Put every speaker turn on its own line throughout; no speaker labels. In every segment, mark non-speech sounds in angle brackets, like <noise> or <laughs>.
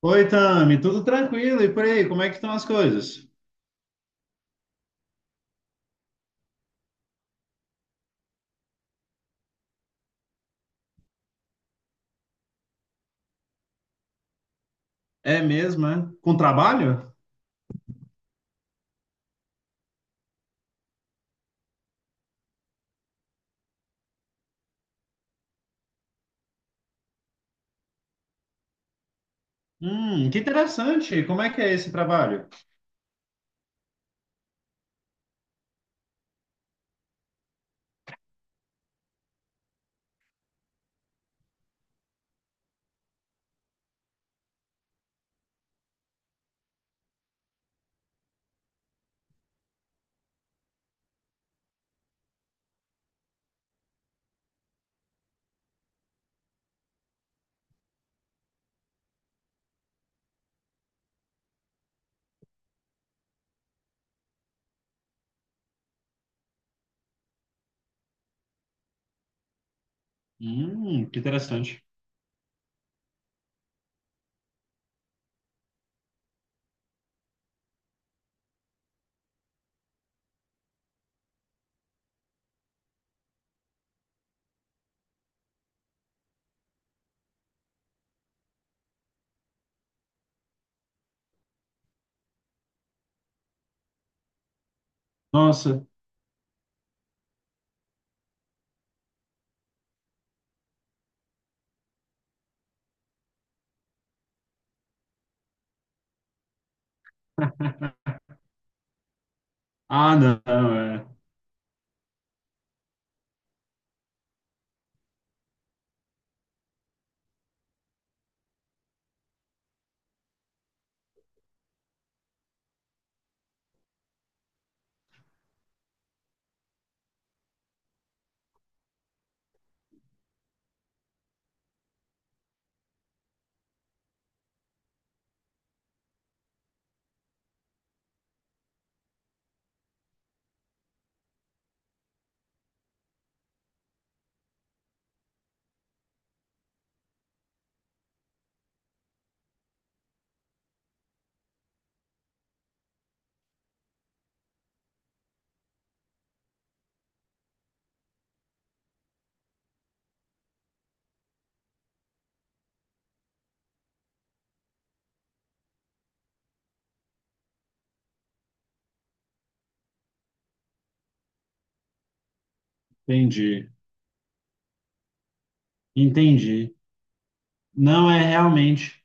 Oi, Tami, tudo tranquilo? E por aí, como é que estão as coisas? É mesmo, é? Com trabalho? Que interessante. Como é que é esse trabalho? Que interessante. Nossa. Ah, não, é. Entendi. Entendi. Não, é realmente.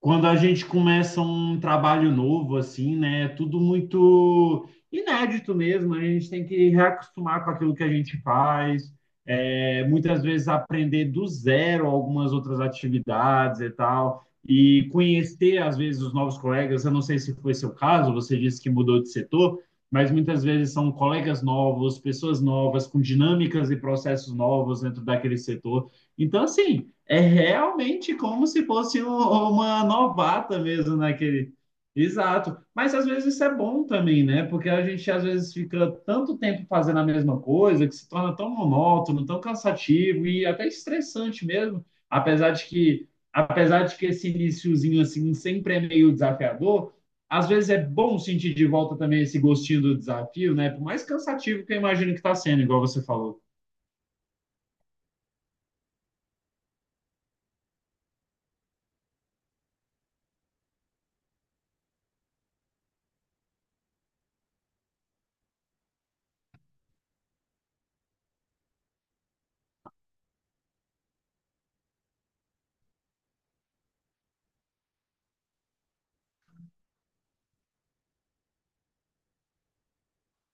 Quando a gente começa um trabalho novo, assim, né? É tudo muito inédito mesmo, né? A gente tem que reacostumar com aquilo que a gente faz. É, muitas vezes aprender do zero algumas outras atividades e tal. E conhecer, às vezes, os novos colegas. Eu não sei se foi seu caso, você disse que mudou de setor, mas muitas vezes são colegas novos, pessoas novas, com dinâmicas e processos novos dentro daquele setor. Então, assim, é realmente como se fosse uma novata mesmo naquele. Exato. Mas às vezes isso é bom também, né? Porque a gente às vezes fica tanto tempo fazendo a mesma coisa que se torna tão monótono, tão cansativo e até estressante mesmo. Apesar de que esse iniciozinho assim sempre é meio desafiador, às vezes é bom sentir de volta também esse gostinho do desafio, né? Por mais cansativo que eu imagino que está sendo, igual você falou.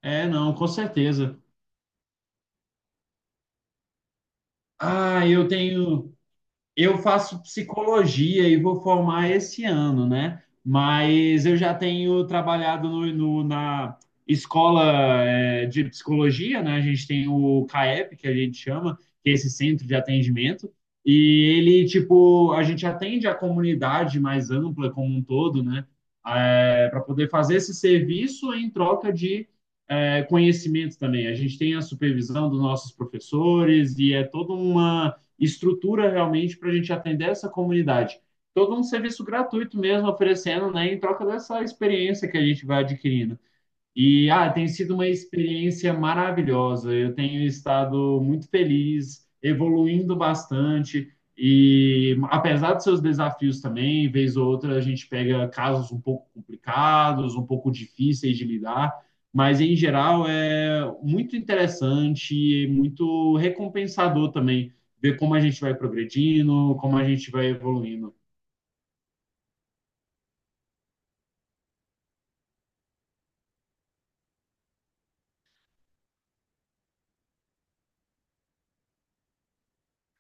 É, não, com certeza. Ah, eu tenho. Eu faço psicologia e vou formar esse ano, né? Mas eu já tenho trabalhado na escola de psicologia, né? A gente tem o CAEP, que a gente chama, que é esse centro de atendimento, e ele, tipo, a gente atende a comunidade mais ampla como um todo, né? Para poder fazer esse serviço em troca de conhecimento também. A gente tem a supervisão dos nossos professores e é toda uma estrutura realmente para a gente atender essa comunidade. Todo um serviço gratuito mesmo oferecendo, né, em troca dessa experiência que a gente vai adquirindo. E tem sido uma experiência maravilhosa. Eu tenho estado muito feliz, evoluindo bastante. E apesar dos seus desafios também, vez ou outra a gente pega casos um pouco complicados, um pouco difíceis de lidar, mas em geral é muito interessante e muito recompensador também ver como a gente vai progredindo, como a gente vai evoluindo.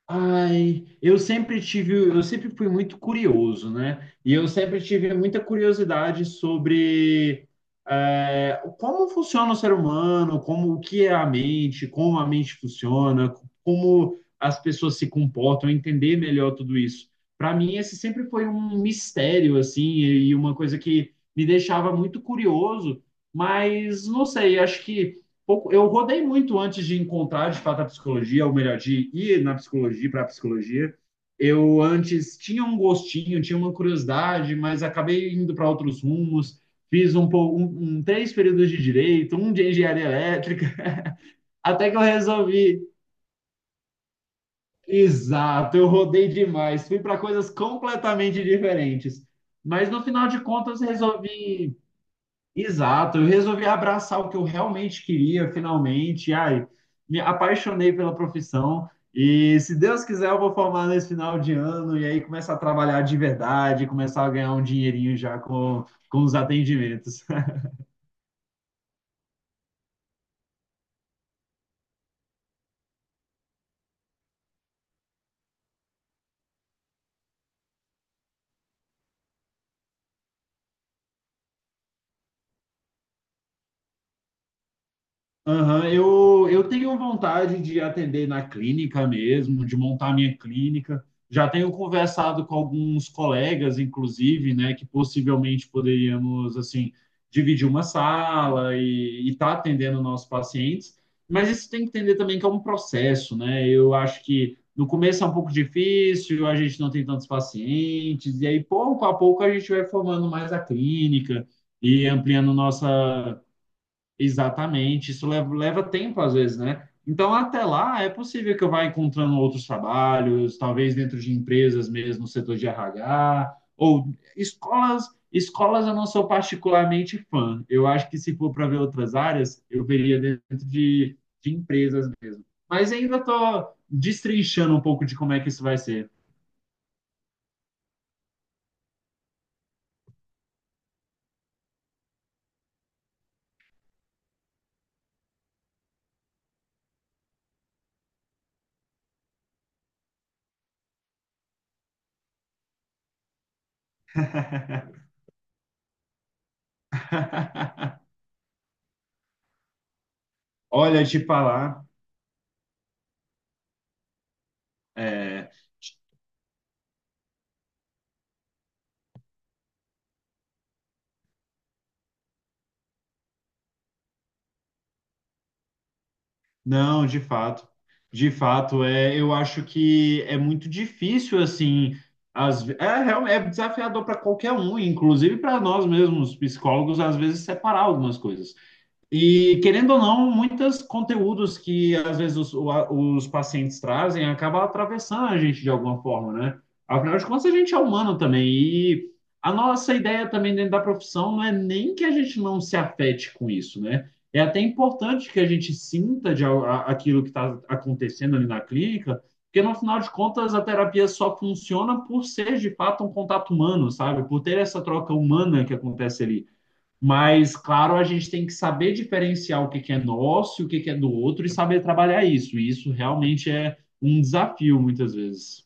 Ai, eu sempre fui muito curioso, né? E eu sempre tive muita curiosidade sobre como funciona o ser humano, como o que é a mente, como a mente funciona, como as pessoas se comportam, entender melhor tudo isso. Para mim, esse sempre foi um mistério, assim, e uma coisa que me deixava muito curioso, mas não sei, acho que pouco. Eu rodei muito antes de encontrar de fato a psicologia, ou melhor, de ir na psicologia para a psicologia. Eu antes tinha um gostinho, tinha uma curiosidade, mas acabei indo para outros rumos. Fiz um, pou- um três períodos de direito, um de engenharia elétrica, <laughs> até que eu resolvi. Exato, eu rodei demais, fui para coisas completamente diferentes. Mas no final de contas resolvi. Exato, eu resolvi abraçar o que eu realmente queria, finalmente. Ai, me apaixonei pela profissão e, se Deus quiser, eu vou formar nesse final de ano e aí começar a trabalhar de verdade, começar a ganhar um dinheirinho já com os atendimentos. Aham, eu tenho vontade de atender na clínica mesmo, de montar minha clínica. Já tenho conversado com alguns colegas, inclusive, né, que possivelmente poderíamos, assim, dividir uma sala e estar atendendo nossos pacientes. Mas isso tem que entender também que é um processo, né? Eu acho que no começo é um pouco difícil, a gente não tem tantos pacientes, e aí pouco a pouco a gente vai formando mais a clínica e ampliando nossa... Exatamente, isso leva tempo às vezes, né? Então, até lá, é possível que eu vá encontrando outros trabalhos, talvez dentro de empresas mesmo, no setor de RH, ou escolas. Escolas eu não sou particularmente fã. Eu acho que se for para ver outras áreas, eu veria dentro de empresas mesmo. Mas ainda estou destrinchando um pouco de como é que isso vai ser. <laughs> Olha, te falar, não, de fato. De fato, é, eu acho que é muito difícil, assim, às, ve- é, real- é desafiador para qualquer um, inclusive para nós mesmos, psicólogos, às vezes separar algumas coisas. E, querendo ou não, muitos conteúdos que às vezes os pacientes trazem acabam atravessando a gente de alguma forma, né? Afinal de contas, a gente é humano também. E a nossa ideia também dentro da profissão não é nem que a gente não se afete com isso, né? É até importante que a gente sinta aquilo que está acontecendo ali na clínica, porque no final de contas a terapia só funciona por ser de fato um contato humano, sabe? Por ter essa troca humana que acontece ali. Mas, claro, a gente tem que saber diferenciar o que que é nosso e o que que é do outro e saber trabalhar isso. E isso realmente é um desafio, muitas vezes.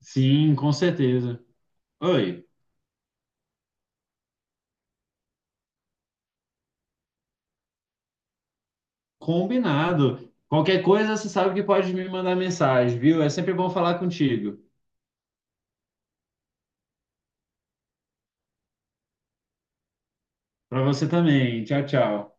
Sim, com certeza. Oi, combinado. Qualquer coisa, você sabe que pode me mandar mensagem, viu? É sempre bom falar contigo. Para você também. Tchau, tchau.